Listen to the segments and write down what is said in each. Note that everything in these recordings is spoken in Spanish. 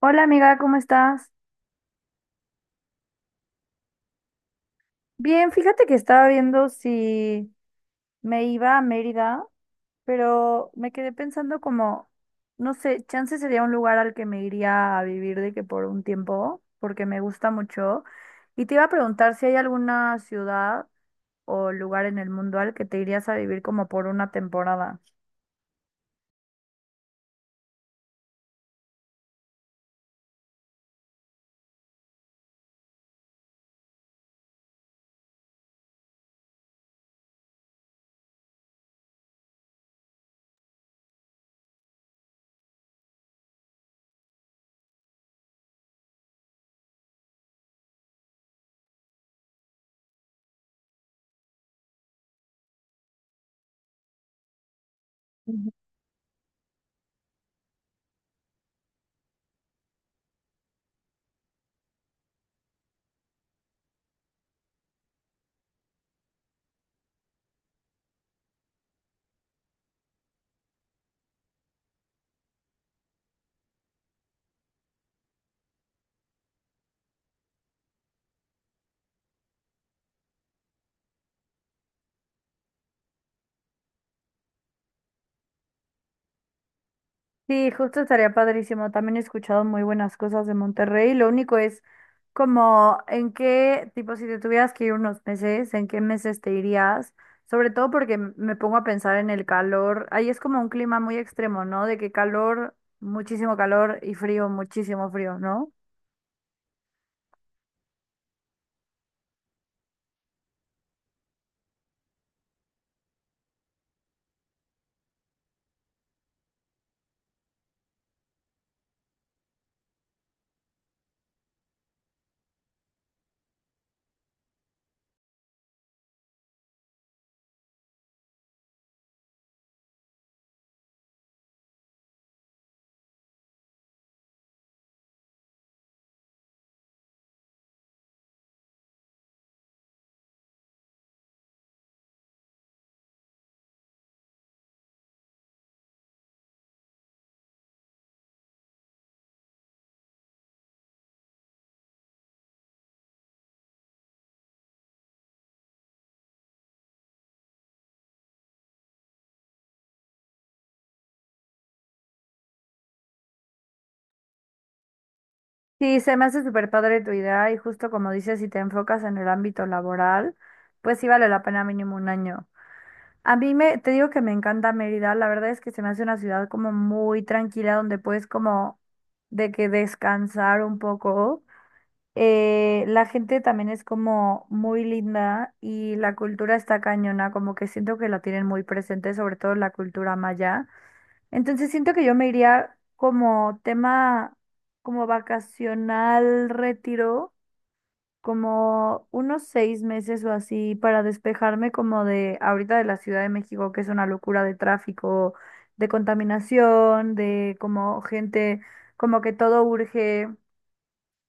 Hola amiga, ¿cómo estás? Bien, fíjate que estaba viendo si me iba a Mérida, pero me quedé pensando como, no sé, chance sería un lugar al que me iría a vivir de que por un tiempo, porque me gusta mucho. Y te iba a preguntar si hay alguna ciudad o lugar en el mundo al que te irías a vivir como por una temporada. Ujú. Sí, justo estaría padrísimo. También he escuchado muy buenas cosas de Monterrey. Lo único es como, ¿en qué, tipo, si te tuvieras que ir unos meses, en qué meses te irías? Sobre todo porque me pongo a pensar en el calor. Ahí es como un clima muy extremo, ¿no? De que calor, muchísimo calor y frío, muchísimo frío, ¿no? Sí, se me hace súper padre tu idea y justo como dices, si te enfocas en el ámbito laboral, pues sí vale la pena mínimo 1 año. A mí me, te digo que me encanta Mérida, la verdad es que se me hace una ciudad como muy tranquila donde puedes como de que descansar un poco. La gente también es como muy linda y la cultura está cañona, como que siento que la tienen muy presente, sobre todo la cultura maya. Entonces siento que yo me iría como tema, como vacacional, retiro, como unos 6 meses o así para despejarme como de ahorita de la Ciudad de México, que es una locura de tráfico, de contaminación, de como gente, como que todo urge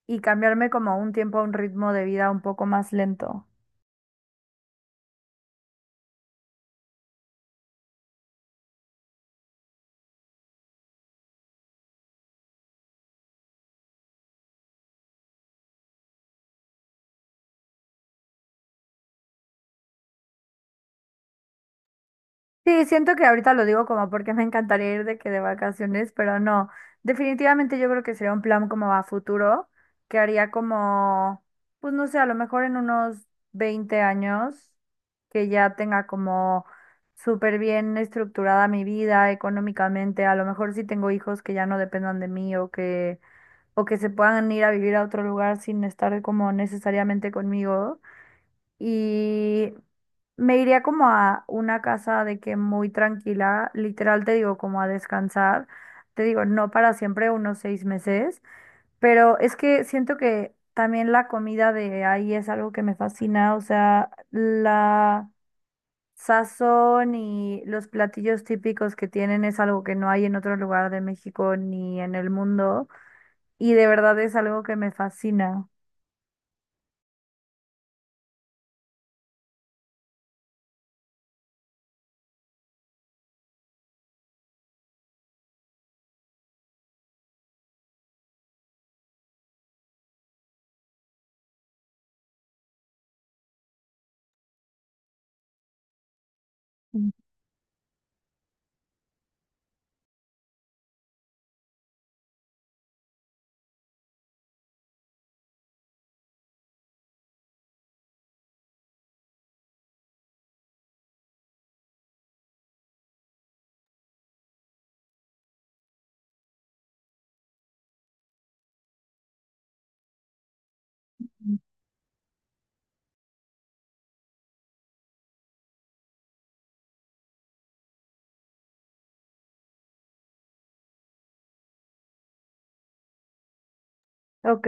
y cambiarme como a un tiempo, a un ritmo de vida un poco más lento. Sí, siento que ahorita lo digo como porque me encantaría ir de que de vacaciones, pero no. Definitivamente yo creo que sería un plan como a futuro, que haría como, pues no sé, a lo mejor en unos 20 años, que ya tenga como súper bien estructurada mi vida económicamente, a lo mejor si tengo hijos que ya no dependan de mí o que se puedan ir a vivir a otro lugar sin estar como necesariamente conmigo, y me iría como a una casa de que muy tranquila, literal te digo, como a descansar, te digo, no para siempre, unos 6 meses, pero es que siento que también la comida de ahí es algo que me fascina, o sea, la sazón y los platillos típicos que tienen es algo que no hay en otro lugar de México ni en el mundo, y de verdad es algo que me fascina. Ujú. Ok.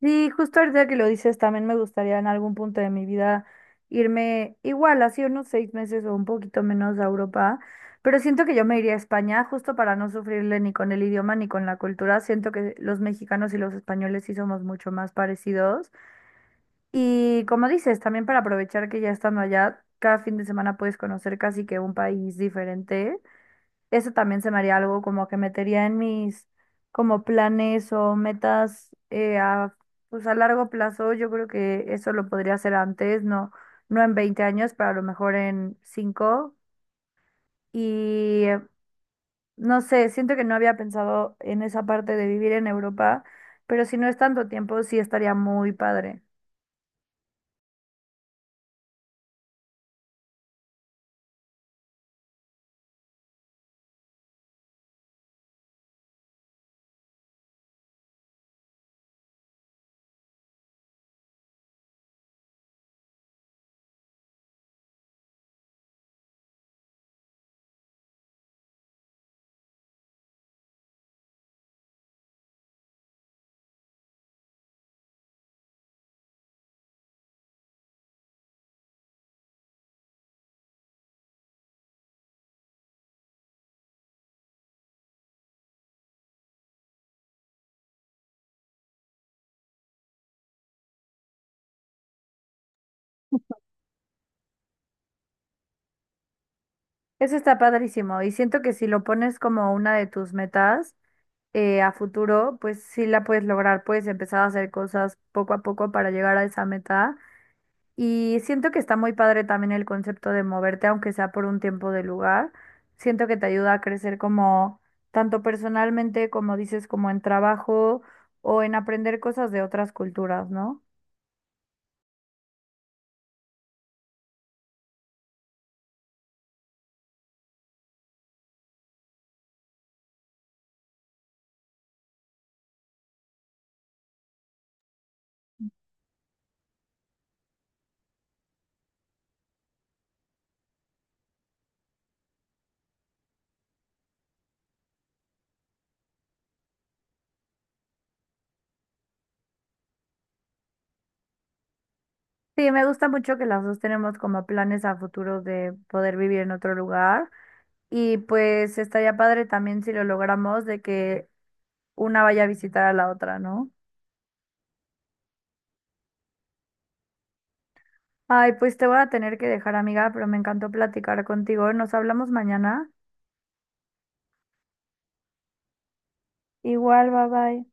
Sí, justo ahorita que lo dices, también me gustaría en algún punto de mi vida irme igual, así unos 6 meses o un poquito menos a Europa, pero siento que yo me iría a España justo para no sufrirle ni con el idioma ni con la cultura. Siento que los mexicanos y los españoles sí somos mucho más parecidos. Y como dices, también para aprovechar que ya estando allá, cada fin de semana puedes conocer casi que un país diferente. Eso también se me haría algo como que metería en mis como planes o metas pues a largo plazo. Yo creo que eso lo podría hacer antes, no, no en 20 años, pero a lo mejor en 5. Y no sé, siento que no había pensado en esa parte de vivir en Europa, pero si no es tanto tiempo, sí estaría muy padre. Eso está padrísimo y siento que si lo pones como una de tus metas, a futuro, pues sí la puedes lograr, puedes empezar a hacer cosas poco a poco para llegar a esa meta. Y siento que está muy padre también el concepto de moverte, aunque sea por un tiempo de lugar. Siento que te ayuda a crecer como tanto personalmente, como dices, como en trabajo o en aprender cosas de otras culturas, ¿no? Sí, me gusta mucho que las dos tenemos como planes a futuro de poder vivir en otro lugar. Y pues estaría padre también si lo logramos de que una vaya a visitar a la otra, ¿no? Ay, pues te voy a tener que dejar, amiga, pero me encantó platicar contigo, ¿eh? Nos hablamos mañana. Igual, bye bye.